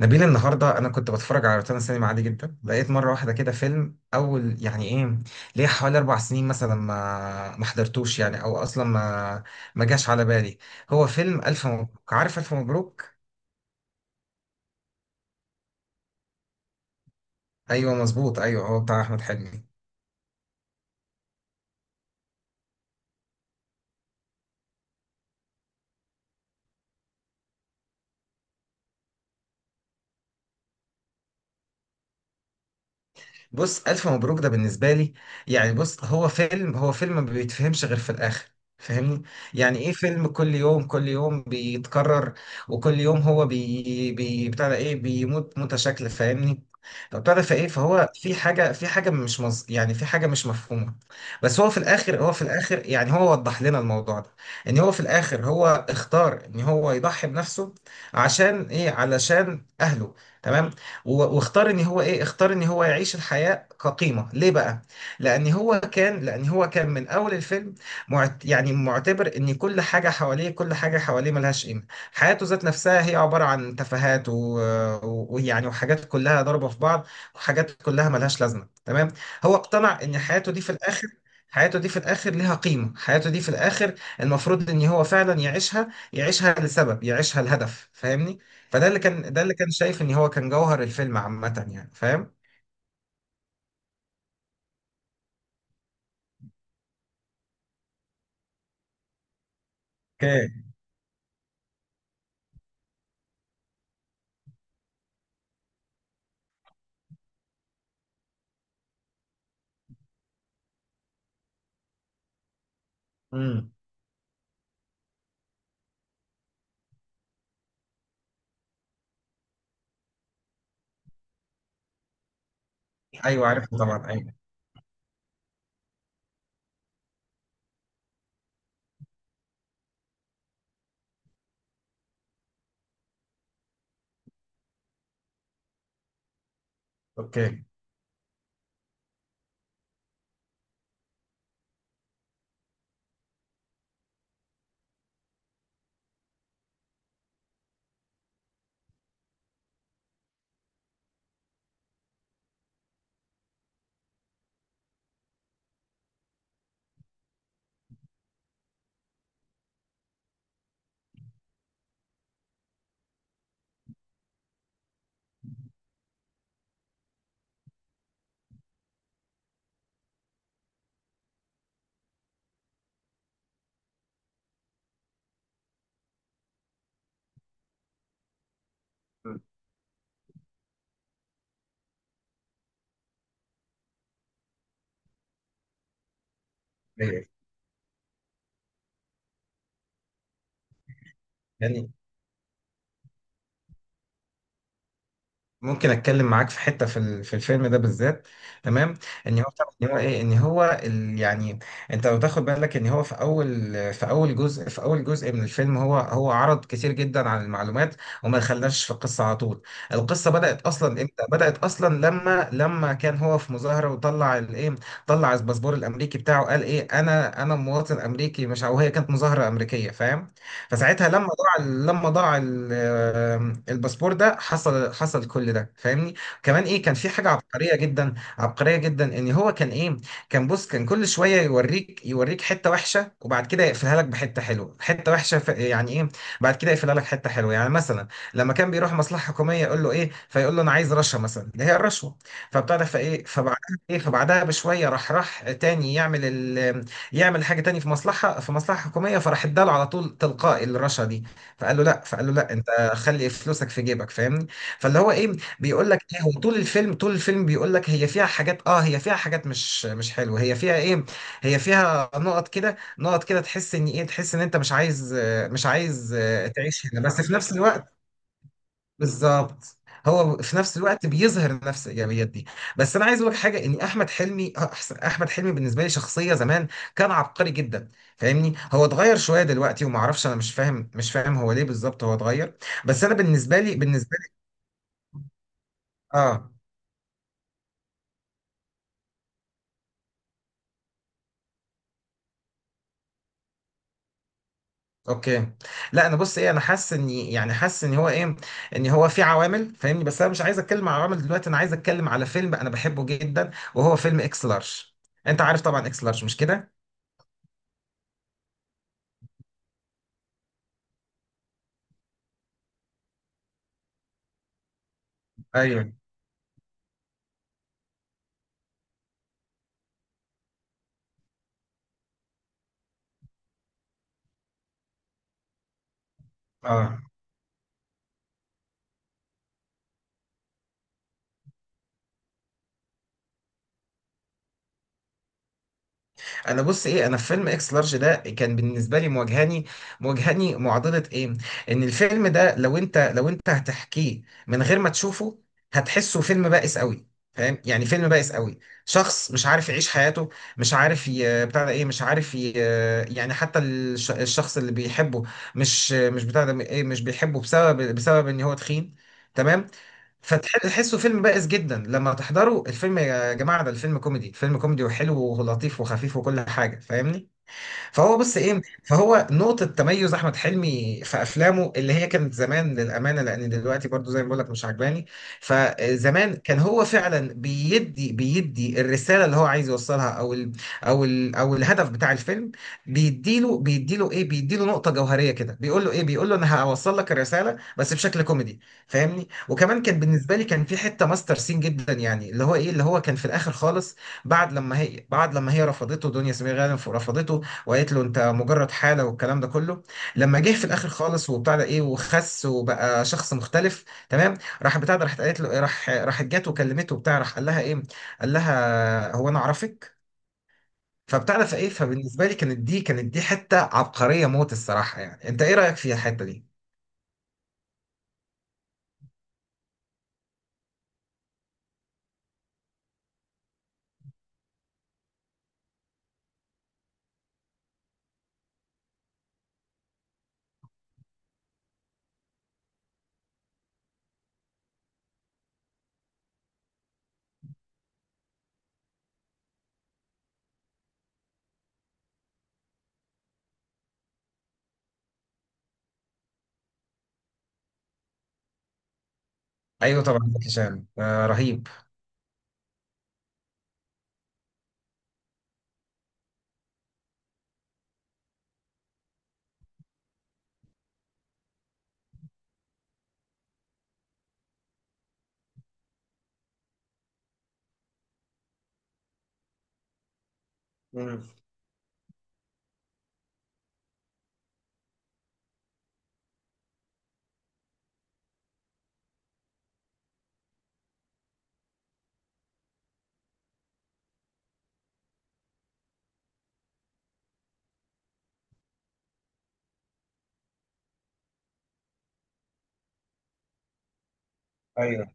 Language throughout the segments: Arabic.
نبيل، النهارده انا كنت بتفرج على روتانا سينما عادي جدا، لقيت مره واحده كده فيلم اول يعني ايه، ليه حوالي 4 سنين مثلا ما حضرتوش يعني، او اصلا ما جاش على بالي. هو فيلم الف مبروك، عارف؟ الف مبروك. ايوه مظبوط، ايوه هو بتاع احمد حلمي. بص، ألف مبروك ده بالنسبة لي يعني، بص، هو فيلم ما بيتفهمش غير في الآخر، فاهمني؟ يعني ايه؟ فيلم كل يوم، كل يوم بيتكرر، وكل يوم هو بي بي بتاع ده ايه، بيموت موتة شكل، فاهمني؟ طب بتاع فايه، فهو في حاجة مش مز... يعني في حاجة مش مفهومة. بس هو في الآخر، يعني هو وضح لنا الموضوع ده، ان هو في الآخر هو اختار ان هو يضحي بنفسه. عشان ايه؟ علشان أهله. تمام. واختار ان هو ايه، اختار ان هو يعيش الحياة كقيمة ليه بقى، لان هو كان من اول الفيلم يعني معتبر ان كل حاجة حواليه، ملهاش قيمة. حياته ذات نفسها هي عبارة عن تفاهات و- و- ويعني وحاجات كلها ضربة في بعض، وحاجات كلها ملهاش لازمة. تمام. هو اقتنع ان حياته دي في الاخر، ليها قيمة، حياته دي في الاخر المفروض ان هو فعلا يعيشها، يعيشها لسبب، يعيشها لهدف، فاهمني؟ فده اللي كان، شايف ان هو كان جوهر الفيلم عامة يعني. فاهم؟ اوكي. امم. ايوه عارفه طبعا. ايوه. اوكي. أمم. ايوه يعني. ممكن اتكلم معاك في حته، في الفيلم ده بالذات. تمام. ان هو ان هو ايه، يعني انت لو تاخد بالك ان هو في اول، في اول جزء من الفيلم، هو عرض كتير جدا عن المعلومات، وما دخلناش في القصه على طول. القصه بدات اصلا امتى؟ بدات اصلا لما كان هو في مظاهره، وطلع الايه، طلع الباسبور الامريكي بتاعه، قال ايه، انا مواطن امريكي، مش او هي كانت مظاهره امريكيه، فاهم؟ فساعتها لما ضاع، الباسبور ده حصل كل ده، فاهمني؟ كمان ايه، كان في حاجه عبقريه جدا، عبقريه جدا، ان هو كان ايه، كان، بص، كان كل شويه يوريك، حته وحشه وبعد كده يقفلها لك بحته حلوه، حته وحشه يعني ايه، بعد كده يقفلها لك حته حلوه. يعني مثلا لما كان بيروح مصلحه حكوميه يقول له ايه، فيقول له انا عايز رشوه مثلا، اللي هي الرشوه، فبتاع ده فايه، فبعدها ايه، فبعدها بشويه راح تاني يعمل يعمل حاجه تاني في مصلحه، حكوميه، فراح اداله على طول تلقائي الرشا دي، فقال له لا، انت خلي فلوسك في جيبك، فاهمني؟ فاللي هو ايه، بيقول لك ايه، هو طول الفيلم، بيقول لك هي فيها حاجات، اه، هي فيها حاجات مش حلوه، هي فيها ايه، هي فيها نقط كده، نقط كده تحس ان ايه، تحس ان انت مش عايز، مش عايز، تعيش هنا، بس في نفس الوقت. بالظبط. هو في نفس الوقت بيظهر نفس الايجابيات دي. بس انا عايز اقول لك حاجه، ان احمد حلمي احمد حلمي بالنسبه لي شخصيه زمان، كان عبقري جدا، فاهمني؟ هو اتغير شويه دلوقتي وما اعرفش، انا مش فاهم، هو ليه بالظبط هو اتغير. بس انا بالنسبه لي، اه، اوكي. لا انا، بص ايه، انا حاسس ان، يعني، حاسس ان هو ايه، ان هو في عوامل، فاهمني؟ بس انا مش عايز اتكلم على عوامل دلوقتي، انا عايز اتكلم على فيلم انا بحبه جدا، وهو فيلم اكس لارج. انت عارف طبعا اكس لارج مش كده؟ ايوه. اه، انا، بص ايه، انا في فيلم اكس لارج ده كان بالنسبه لي مواجهاني، معضله ايه، ان الفيلم ده لو انت هتحكيه من غير ما تشوفه، هتحسه فيلم بائس قوي، فاهم؟ يعني فيلم بائس قوي، شخص مش عارف يعيش حياته، مش عارف ي...، بتاع ده ايه، مش عارف ي...، يعني حتى الشخص اللي بيحبه مش بتاع ده ايه، مش بيحبه بسبب ان هو تخين. تمام. فتحسه فيلم بائس جدا، لما تحضره الفيلم، يا جماعة ده الفيلم كوميدي، فيلم كوميدي وحلو ولطيف وخفيف وكل حاجة، فاهمني؟ فهو، بص ايه، فهو نقطة تميز احمد حلمي في افلامه اللي هي كانت زمان، للامانة، لان دلوقتي برضو زي ما بقول لك مش عجباني. فزمان كان هو فعلا بيدي الرسالة اللي هو عايز يوصلها، او الهدف بتاع الفيلم، بيديله نقطة جوهرية كده، بيقول له ايه، بيقول له انا هوصل لك الرسالة بس بشكل كوميدي، فاهمني؟ وكمان كان بالنسبة لي كان في حتة ماستر سين جدا يعني، اللي هو ايه، اللي هو كان في الاخر خالص، بعد لما هي رفضته، دنيا سمير غانم رفضته، وقالت له انت مجرد حاله والكلام ده كله، لما جه في الاخر خالص، وبتاع ده ايه، وخس وبقى شخص مختلف. تمام. راح، بتاع ده، راحت قالت له ايه، راح راحت جات وكلمته، وبتاع، راح قال لها ايه، قال لها هو انا اعرفك؟ فبتاع ده فايه، فبالنسبه لي كانت دي حته عبقريه موت الصراحه يعني. انت ايه رايك فيها الحته دي؟ ايوه طبعا، زكي شان، آه، رهيب. امم. ايوه.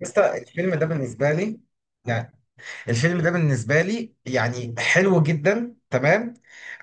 بس الفيلم ده بالنسبه لي يعني، الفيلم ده بالنسبة لي يعني حلو جدا. تمام.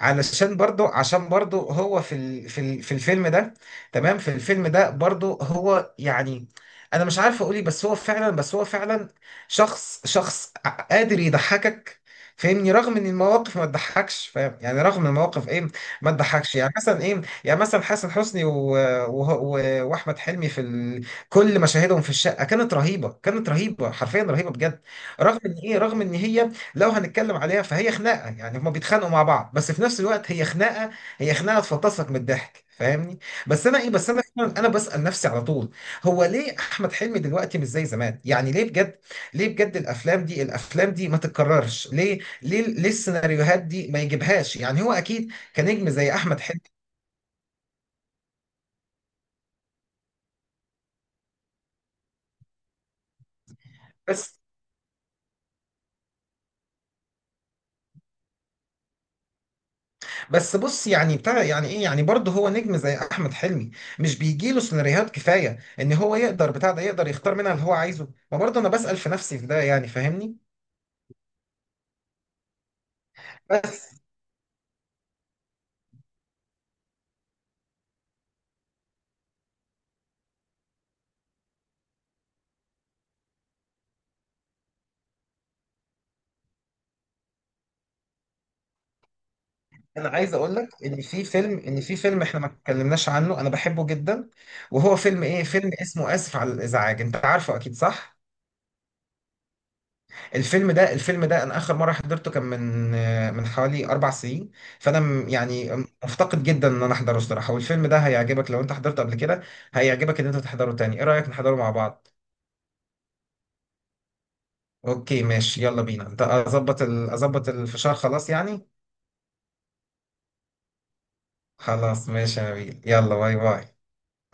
علشان برضو، عشان برضو هو في الفيلم ده. تمام. في الفيلم ده برضو هو يعني، انا مش عارف اقولي، بس هو فعلا، شخص قادر يضحكك، فاهمني؟ رغم ان المواقف ما تضحكش، فاهم؟ يعني رغم إن المواقف ايه، ما تضحكش. يعني مثلا ايه، يعني مثلا حسن حسني و... و... واحمد حلمي في كل مشاهدهم في الشقة كانت رهيبة، كانت رهيبة حرفيا، رهيبة بجد، رغم ان ايه، رغم ان هي لو هنتكلم عليها فهي خناقه، يعني هما بيتخانقوا مع بعض، بس في نفس الوقت هي خناقه، هي خناقه تفطسك من الضحك، فاهمني؟ بس انا ايه، بس انا فعلاً، انا بسال نفسي على طول، هو ليه احمد حلمي دلوقتي مش زي زمان؟ يعني ليه بجد، ليه بجد؟ الافلام دي، ما تتكررش ليه؟ ليه؟ السيناريوهات دي ما يجيبهاش يعني هو اكيد كنجم زي احمد حلمي. بس بس بص يعني، بتاع يعني ايه، يعني برضه هو نجم زي احمد حلمي، مش بيجي له سيناريوهات كفايه ان هو يقدر، بتاع ده، يقدر يختار منها اللي هو عايزه؟ ما برضه انا بسأل في نفسي في ده يعني، فاهمني؟ بس انا عايز اقول لك ان في فيلم، احنا ما اتكلمناش عنه انا بحبه جدا، وهو فيلم ايه، فيلم اسمه اسف على الازعاج، انت عارفه اكيد صح؟ الفيلم ده انا اخر مره حضرته كان من من حوالي 4 سنين، فانا يعني مفتقد جدا ان انا احضره الصراحه، والفيلم ده هيعجبك لو انت حضرته قبل كده، هيعجبك ان انت تحضره تاني. ايه رايك نحضره مع بعض؟ اوكي ماشي، يلا بينا. انت اظبط اظبط الفشار خلاص يعني. خلاص ماشي يا نبيل، يلا باي باي.